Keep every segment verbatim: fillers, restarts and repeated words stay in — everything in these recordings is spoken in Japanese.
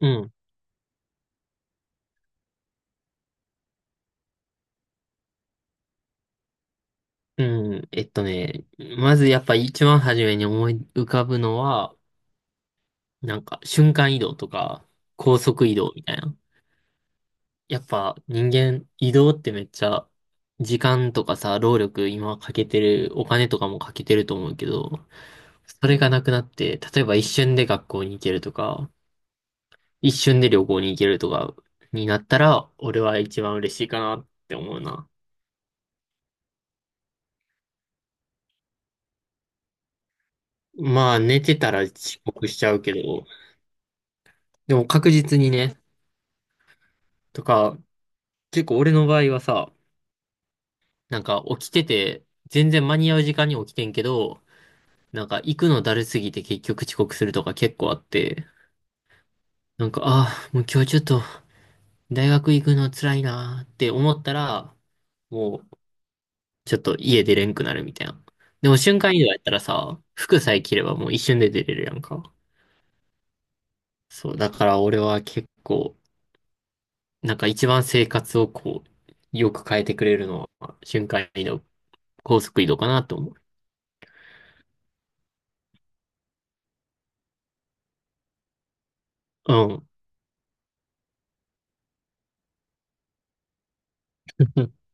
うん。うん。えっとね、まずやっぱ一番初めに思い浮かぶのは、なんか瞬間移動とか高速移動みたいな。やっぱ人間移動ってめっちゃ時間とかさ、労力今かけてる、お金とかもかけてると思うけど、それがなくなって、例えば一瞬で学校に行けるとか、一瞬で旅行に行けるとかになったら、俺は一番嬉しいかなって思うな。まあ寝てたら遅刻しちゃうけど、でも確実にね、とか、結構俺の場合はさ、なんか起きてて、全然間に合う時間に起きてんけど、なんか行くのだるすぎて結局遅刻するとか結構あって、なんか、ああ、もう今日ちょっと大学行くの辛いなーって思ったら、もうちょっと家出れんくなるみたいな。でも瞬間移動やったらさ、服さえ着ればもう一瞬で出れるやんか。そう、だから俺は結構、なんか一番生活をこう、よく変えてくれるのは瞬間移動、高速移動かなと思う。うん。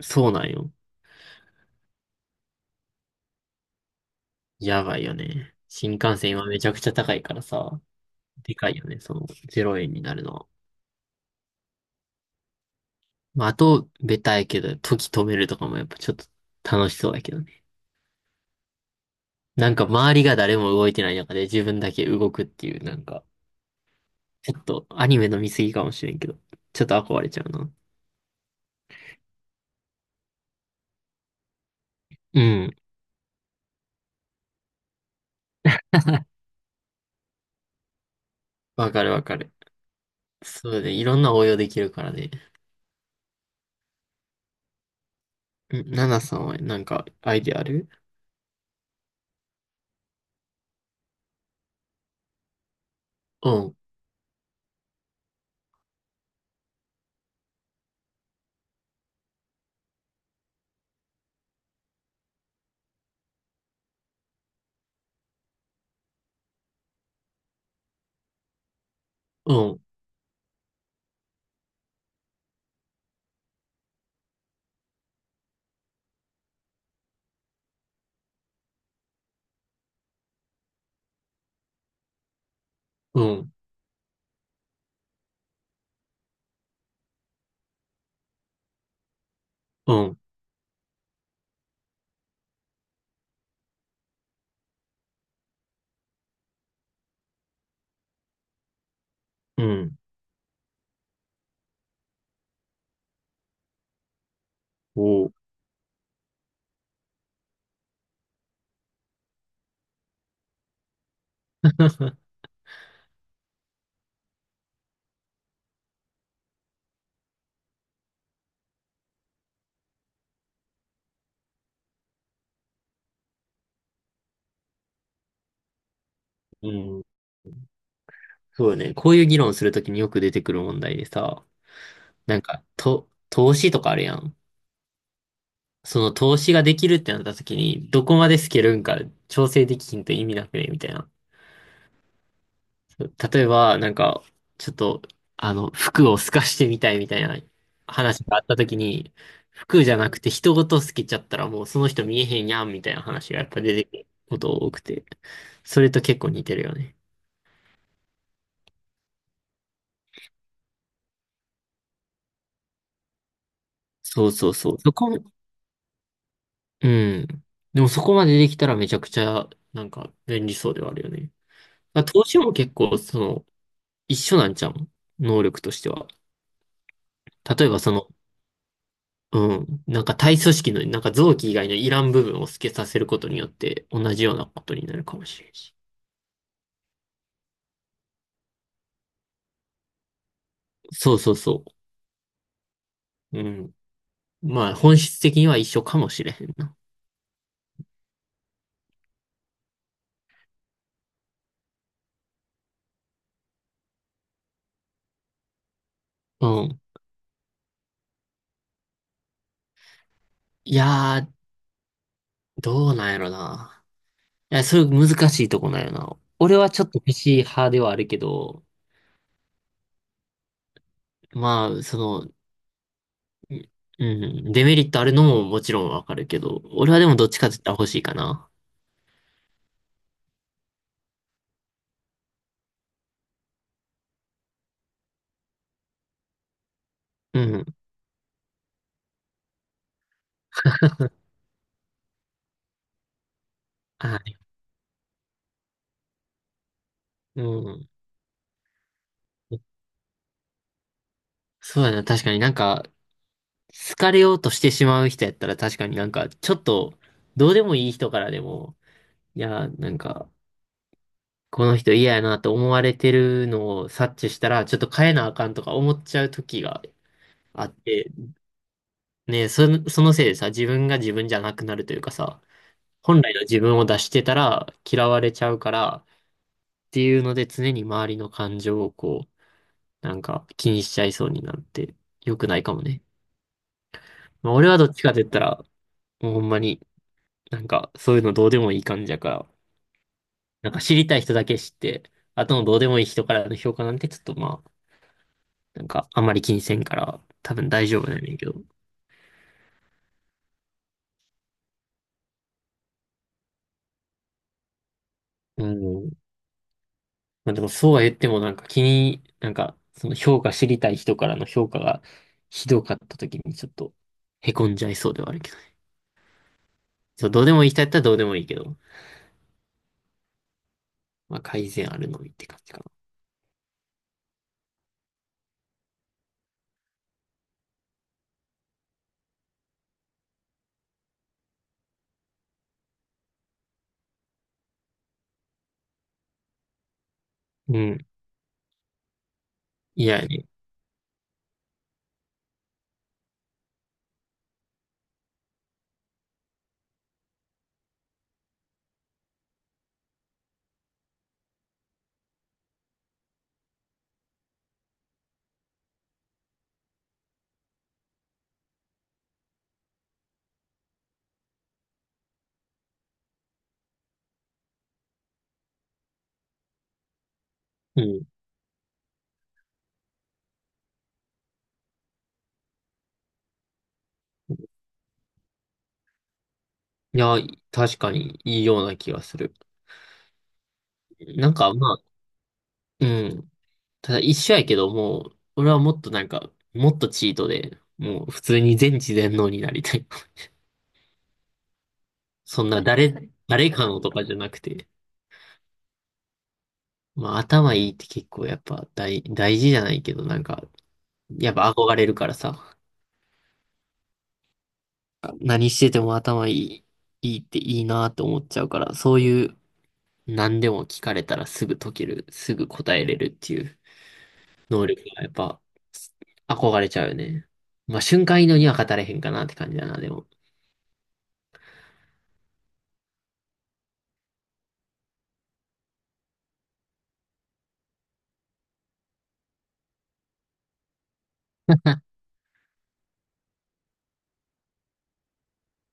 そうなんよ。やばいよね。新幹線今めちゃくちゃ高いからさ、でかいよね、そのゼロえんになるのは。まあ、あと、ベタやけど、時止めるとかもやっぱちょっと楽しそうだけどね。なんか周りが誰も動いてない中で自分だけ動くっていう、なんか、ちょっとアニメの見過ぎかもしれんけど、ちょっと憧れちゃうな。うん。わかるわかる。そうね、いろんな応用できるからね。んナナさんはなんかアイデアある？うん、うん、うん、うん、うん。おー うん。そうね。こういう議論するときによく出てくる問題でさ、なんか、と、投資とかあるやん。その投資ができるってなったときに、どこまでスケるんか調整できひんと意味なくね、みたいな。例えば、なんか、ちょっと、あの、服を透かしてみたいみたいな話があったときに、服じゃなくて人ごと透けちゃったらもうその人見えへんやんみたいな話がやっぱ出てくること多くて、それと結構似てるよね。そうそうそう。そこ、うん。でもそこまでできたらめちゃくちゃ、なんか便利そうではあるよね。まあ投資も結構、その、一緒なんちゃう能力としては。例えばその、うん、なんか体組織の、なんか臓器以外のいらん部分を透けさせることによって、同じようなことになるかもしれんし。そうそうそう。うん。まあ、本質的には一緒かもしれへんな。うん。いやー、どうなんやろな。いや、それ難しいとこなんやな。俺はちょっとしい派ではあるけど、まあ、その、うん。デメリットあるのももちろんわかるけど、俺はでもどっちかって言ったら欲しいかな。うん。はい。うん。そうだな。確かになんか、好かれようとしてしまう人やったら確かになんか、ちょっと、どうでもいい人からでも、いや、なんか、この人嫌やなと思われてるのを察知したら、ちょっと変えなあかんとか思っちゃう時があって、ね、その、そのせいでさ、自分が自分じゃなくなるというかさ、本来の自分を出してたら嫌われちゃうから、っていうので常に周りの感情をこう、なんか気にしちゃいそうになって良くないかもね。まあ、俺はどっちかって言ったら、もうほんまになんかそういうのどうでもいい感じやから、なんか知りたい人だけ知って、あとのどうでもいい人からの評価なんてちょっとまあ、なんかあんまり気にせんから多分大丈夫なんやけど。うん。まあでもそうは言ってもなんか気に、なんかその評価知りたい人からの評価がひどかった時にちょっとへこんじゃいそうではあるけどね。そう、どうでもいい人やったらどうでもいいけど。まあ、改善あるのみって感じかな。うん。いやね。うん。いや、確かにいいような気がする。なんか、まあ、うん。ただ一緒やけど、もう、俺はもっとなんか、もっとチートで、もう普通に全知全能になりたい。そんな誰、誰かのとかじゃなくて、まあ、頭いいって結構やっぱ大、大事じゃないけど、なんか、やっぱ憧れるからさ、何してても頭いい、いいっていいなって思っちゃうから、そういう、何でも聞かれたらすぐ解ける、すぐ答えれるっていう能力がやっぱ憧れちゃうよね。まあ瞬間移動には語れへんかなって感じだな、でも。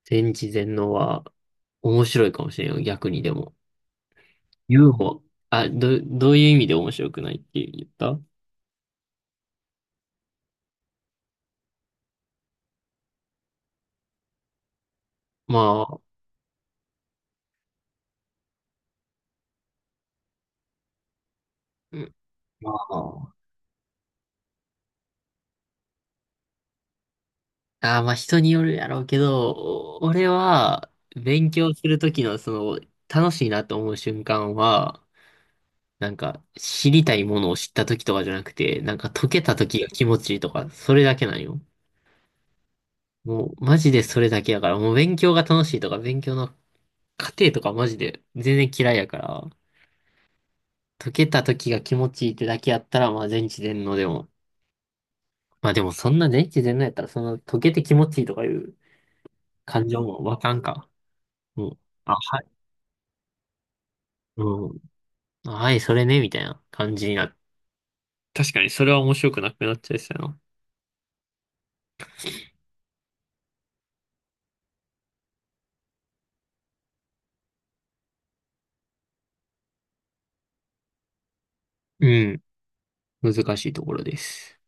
全知全能は面白いかもしれんよ、逆にでも。ユーフォー、あ、ど、どういう意味で面白くないって言った？まあ、うんまあ、あーまあ人によるやろうけど、お俺は勉強するときのその楽しいなと思う瞬間は、なんか、知りたいものを知った時とかじゃなくて、なんか解けた時が気持ちいいとか、それだけなんよ。もう、マジでそれだけやから、もう勉強が楽しいとか、勉強の過程とかマジで全然嫌いやから、解けた時が気持ちいいってだけやったら、まあ全知全能でも。まあでもそんな全知全能やったら、その解けて気持ちいいとかいう感情もわかんか。もう、あ、はい、うん、あはい、それね、みたいな感じになっ。確かにそれは面白くなくなっちゃいそうやな。うん、難しいところです。